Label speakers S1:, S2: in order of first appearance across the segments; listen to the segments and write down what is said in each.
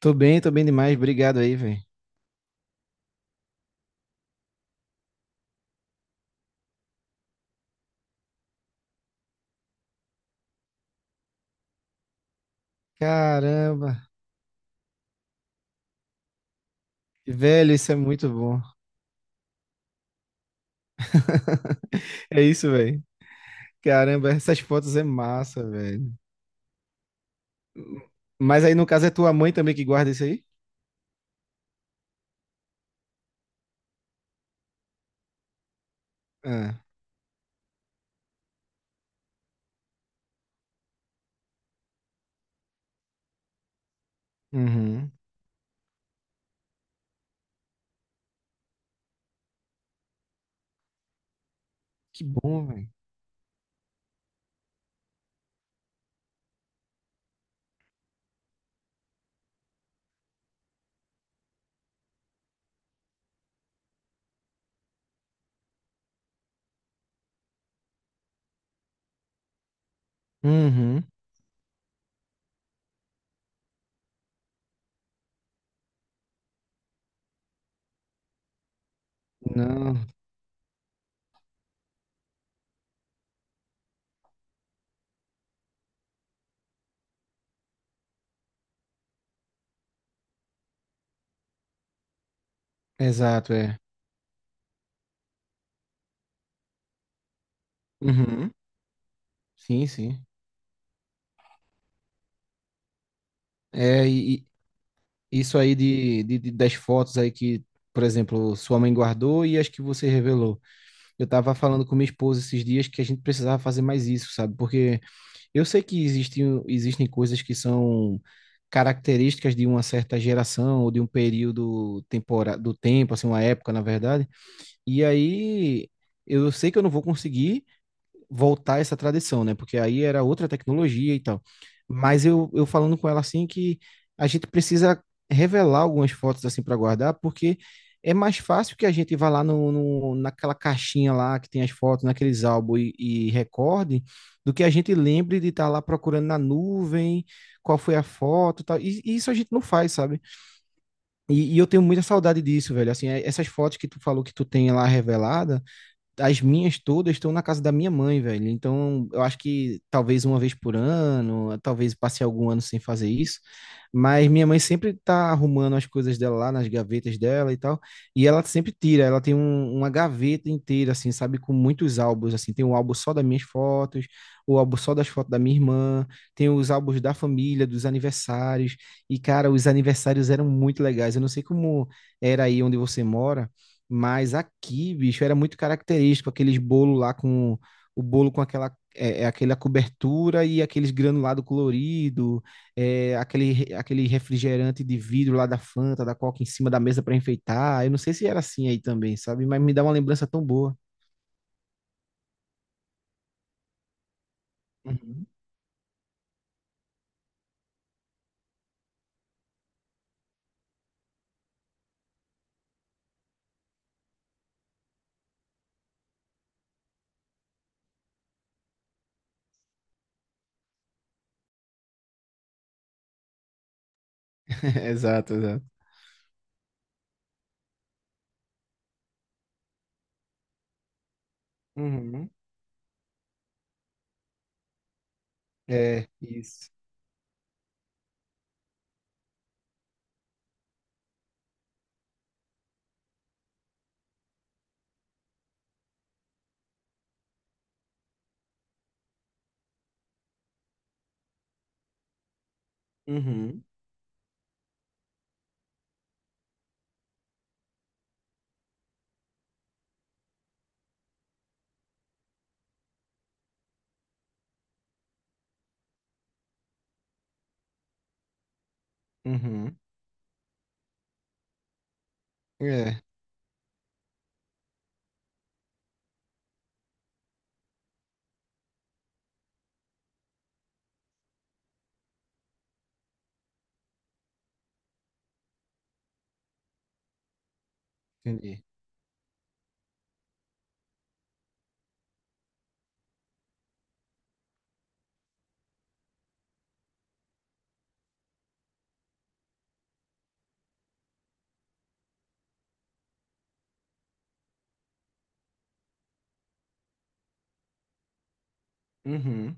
S1: Tô bem demais. Obrigado aí, velho. Caramba. Velho, isso é muito bom. É isso, velho. Caramba, essas fotos é massa, velho. Mas aí, no caso, é tua mãe também que guarda isso aí? Ah, uhum. Que bom, velho. Uhum. Não, exato, é. Uhum. Sim, sim. É, e, e isso aí de- das fotos aí que, por exemplo, sua mãe guardou e as que você revelou. Eu tava falando com minha esposa esses dias que a gente precisava fazer mais isso, sabe? Porque eu sei que existem coisas que são características de uma certa geração ou de um período tempora, do tempo, assim, uma época, na verdade. E aí eu sei que eu não vou conseguir voltar essa tradição, né? Porque aí era outra tecnologia e tal. Mas eu falando com ela assim que a gente precisa revelar algumas fotos assim para guardar, porque é mais fácil que a gente vá lá no, no- naquela caixinha lá que tem as fotos, naqueles álbuns e recorde, do que a gente lembre de estar lá procurando na nuvem qual foi a foto e tal. E isso a gente não faz, sabe? E eu tenho muita saudade disso, velho. Assim, é- essas fotos que tu falou que tu tem lá revelada, as minhas todas estão na casa da minha mãe, velho. Então, eu acho que talvez uma vez por ano, talvez passe algum ano sem fazer isso, mas minha mãe sempre tá arrumando as coisas dela lá nas gavetas dela e tal, e ela sempre tira, ela tem um- uma gaveta inteira, assim, sabe, com muitos álbuns, assim, tem um álbum só das minhas fotos, o álbum só das fotos da minha irmã, tem os álbuns da família, dos aniversários, e, cara, os aniversários eram muito legais, eu não sei como era aí onde você mora, mas aqui, bicho, era muito característico aqueles bolo lá com o bolo com aquela aquela cobertura e aqueles granulado colorido, é, aquele re- aquele refrigerante de vidro lá da Fanta, da Coca em cima da mesa para enfeitar. Eu não sei se era assim aí também, sabe? Mas me dá uma lembrança tão boa. Uhum. Exato, exato. Uhum. É, isso. Uhum. Uhum. É, entendi. Uhum.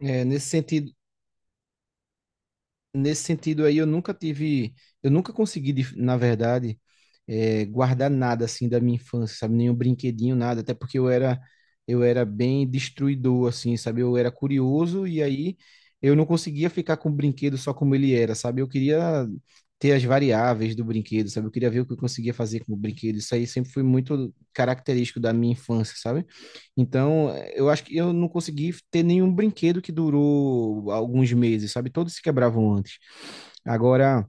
S1: É, nesse sentido, nesse sentido aí eu nunca tive, eu nunca consegui, de- na verdade, guardar nada assim da minha infância, sabe? Nenhum brinquedinho, nada, até porque eu era bem destruidor, assim, sabe? Eu era curioso e aí eu não conseguia ficar com o brinquedo só como ele era, sabe? Eu queria ter as variáveis do brinquedo, sabe? Eu queria ver o que eu conseguia fazer com o brinquedo. Isso aí sempre foi muito característico da minha infância, sabe? Então, eu acho que eu não consegui ter nenhum brinquedo que durou alguns meses, sabe? Todos se quebravam antes. Agora,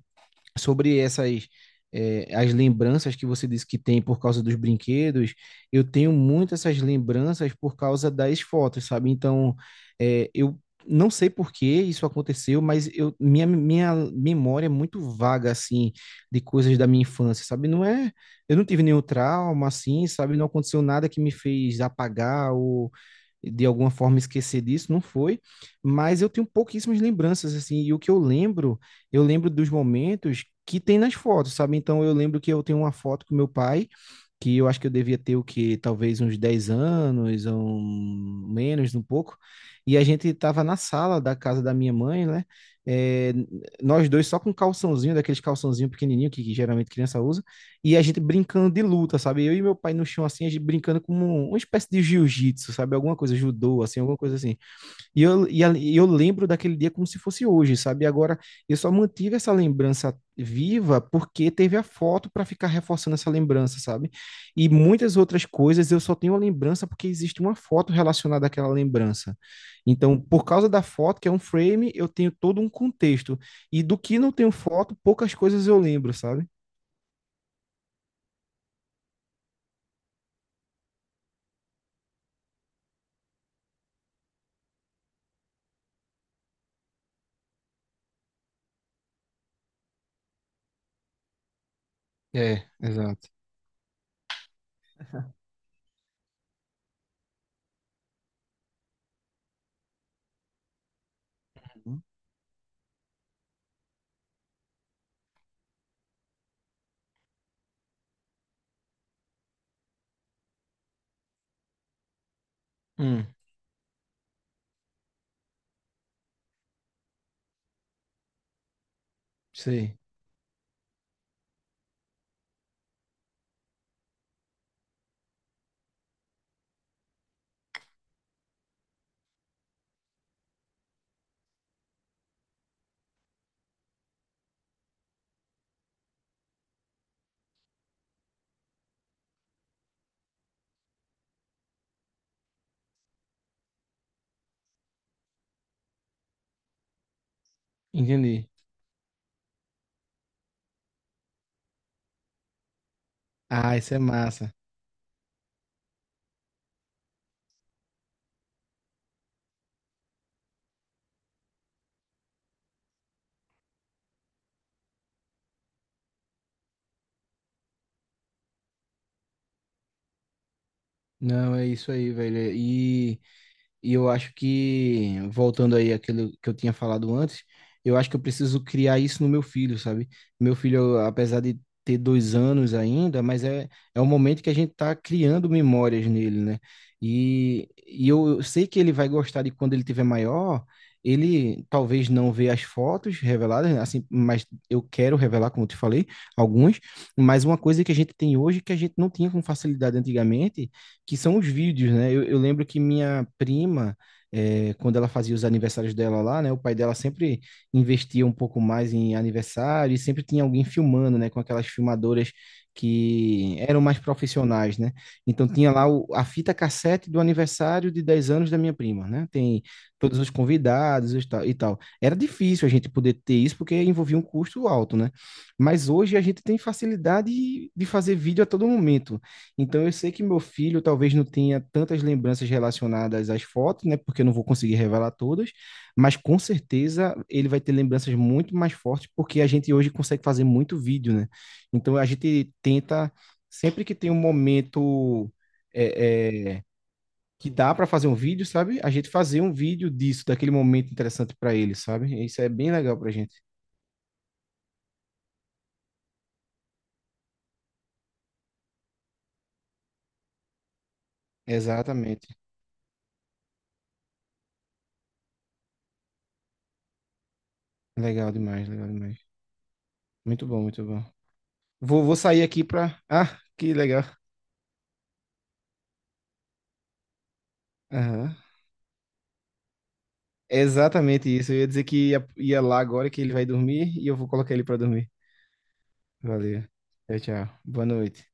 S1: sobre essas, as lembranças que você disse que tem por causa dos brinquedos, eu tenho muito essas lembranças por causa das fotos, sabe? Então, eu não sei por que isso aconteceu, mas eu, minha memória é muito vaga, assim, de coisas da minha infância, sabe? Não é, eu não tive nenhum trauma, assim, sabe? Não aconteceu nada que me fez apagar ou de alguma forma esquecer disso, não foi, mas eu tenho pouquíssimas lembranças, assim, e o que eu lembro dos momentos que tem nas fotos, sabe? Então eu lembro que eu tenho uma foto com meu pai, que eu acho que eu devia ter o que talvez uns 10 anos ou menos um pouco, e a gente estava na sala da casa da minha mãe, né, é, nós dois só com calçãozinho, daqueles calçãozinho pequenininho que, geralmente criança usa, e a gente brincando de luta, sabe, eu e meu pai no chão assim a gente brincando como uma espécie de jiu-jitsu, sabe, alguma coisa judô, assim, alguma coisa assim, e eu, e a- e eu lembro daquele dia como se fosse hoje, sabe? E agora eu só mantive essa lembrança viva porque teve a foto para ficar reforçando essa lembrança, sabe? E muitas outras coisas eu só tenho a lembrança porque existe uma foto relacionada àquela lembrança. Então, por causa da foto, que é um frame, eu tenho todo um contexto. E do que não tenho foto, poucas coisas eu lembro, sabe? É, exato. Hum, sei. Entendi. Ah, isso é massa. Não, é isso aí, velho. E e eu acho que, voltando aí àquilo que eu tinha falado antes, eu acho que eu preciso criar isso no meu filho, sabe? Meu filho, apesar de ter 2 anos ainda, mas é, é um momento que a gente tá criando memórias nele, né? E eu sei que ele vai gostar de quando ele tiver maior, ele talvez não vê as fotos reveladas, né? Assim, mas eu quero revelar, como eu te falei, alguns, mas uma coisa que a gente tem hoje que a gente não tinha com facilidade antigamente, que são os vídeos, né? Eu lembro que minha prima, é, quando ela fazia os aniversários dela lá, né? O pai dela sempre investia um pouco mais em aniversário e sempre tinha alguém filmando, né? Com aquelas filmadoras que eram mais profissionais, né? Então tinha lá o- a fita cassete do aniversário de 10 anos da minha prima, né? Tem todos os convidados e tal. Era difícil a gente poder ter isso porque envolvia um custo alto, né? Mas hoje a gente tem facilidade de fazer vídeo a todo momento. Então eu sei que meu filho talvez não tenha tantas lembranças relacionadas às fotos, né? Porque eu não vou conseguir revelar todas, mas com certeza ele vai ter lembranças muito mais fortes, porque a gente hoje consegue fazer muito vídeo, né? Então a gente tenta, sempre que tem um momento é, é, que dá para fazer um vídeo, sabe? A gente fazer um vídeo disso, daquele momento interessante para ele, sabe? Isso é bem legal pra gente. Exatamente. Legal demais, legal demais. Muito bom, muito bom. Vou sair aqui pra. Ah, que legal. Aham. É exatamente isso. Eu ia dizer que ia lá agora que ele vai dormir e eu vou colocar ele pra dormir. Valeu. Tchau, tchau. Boa noite.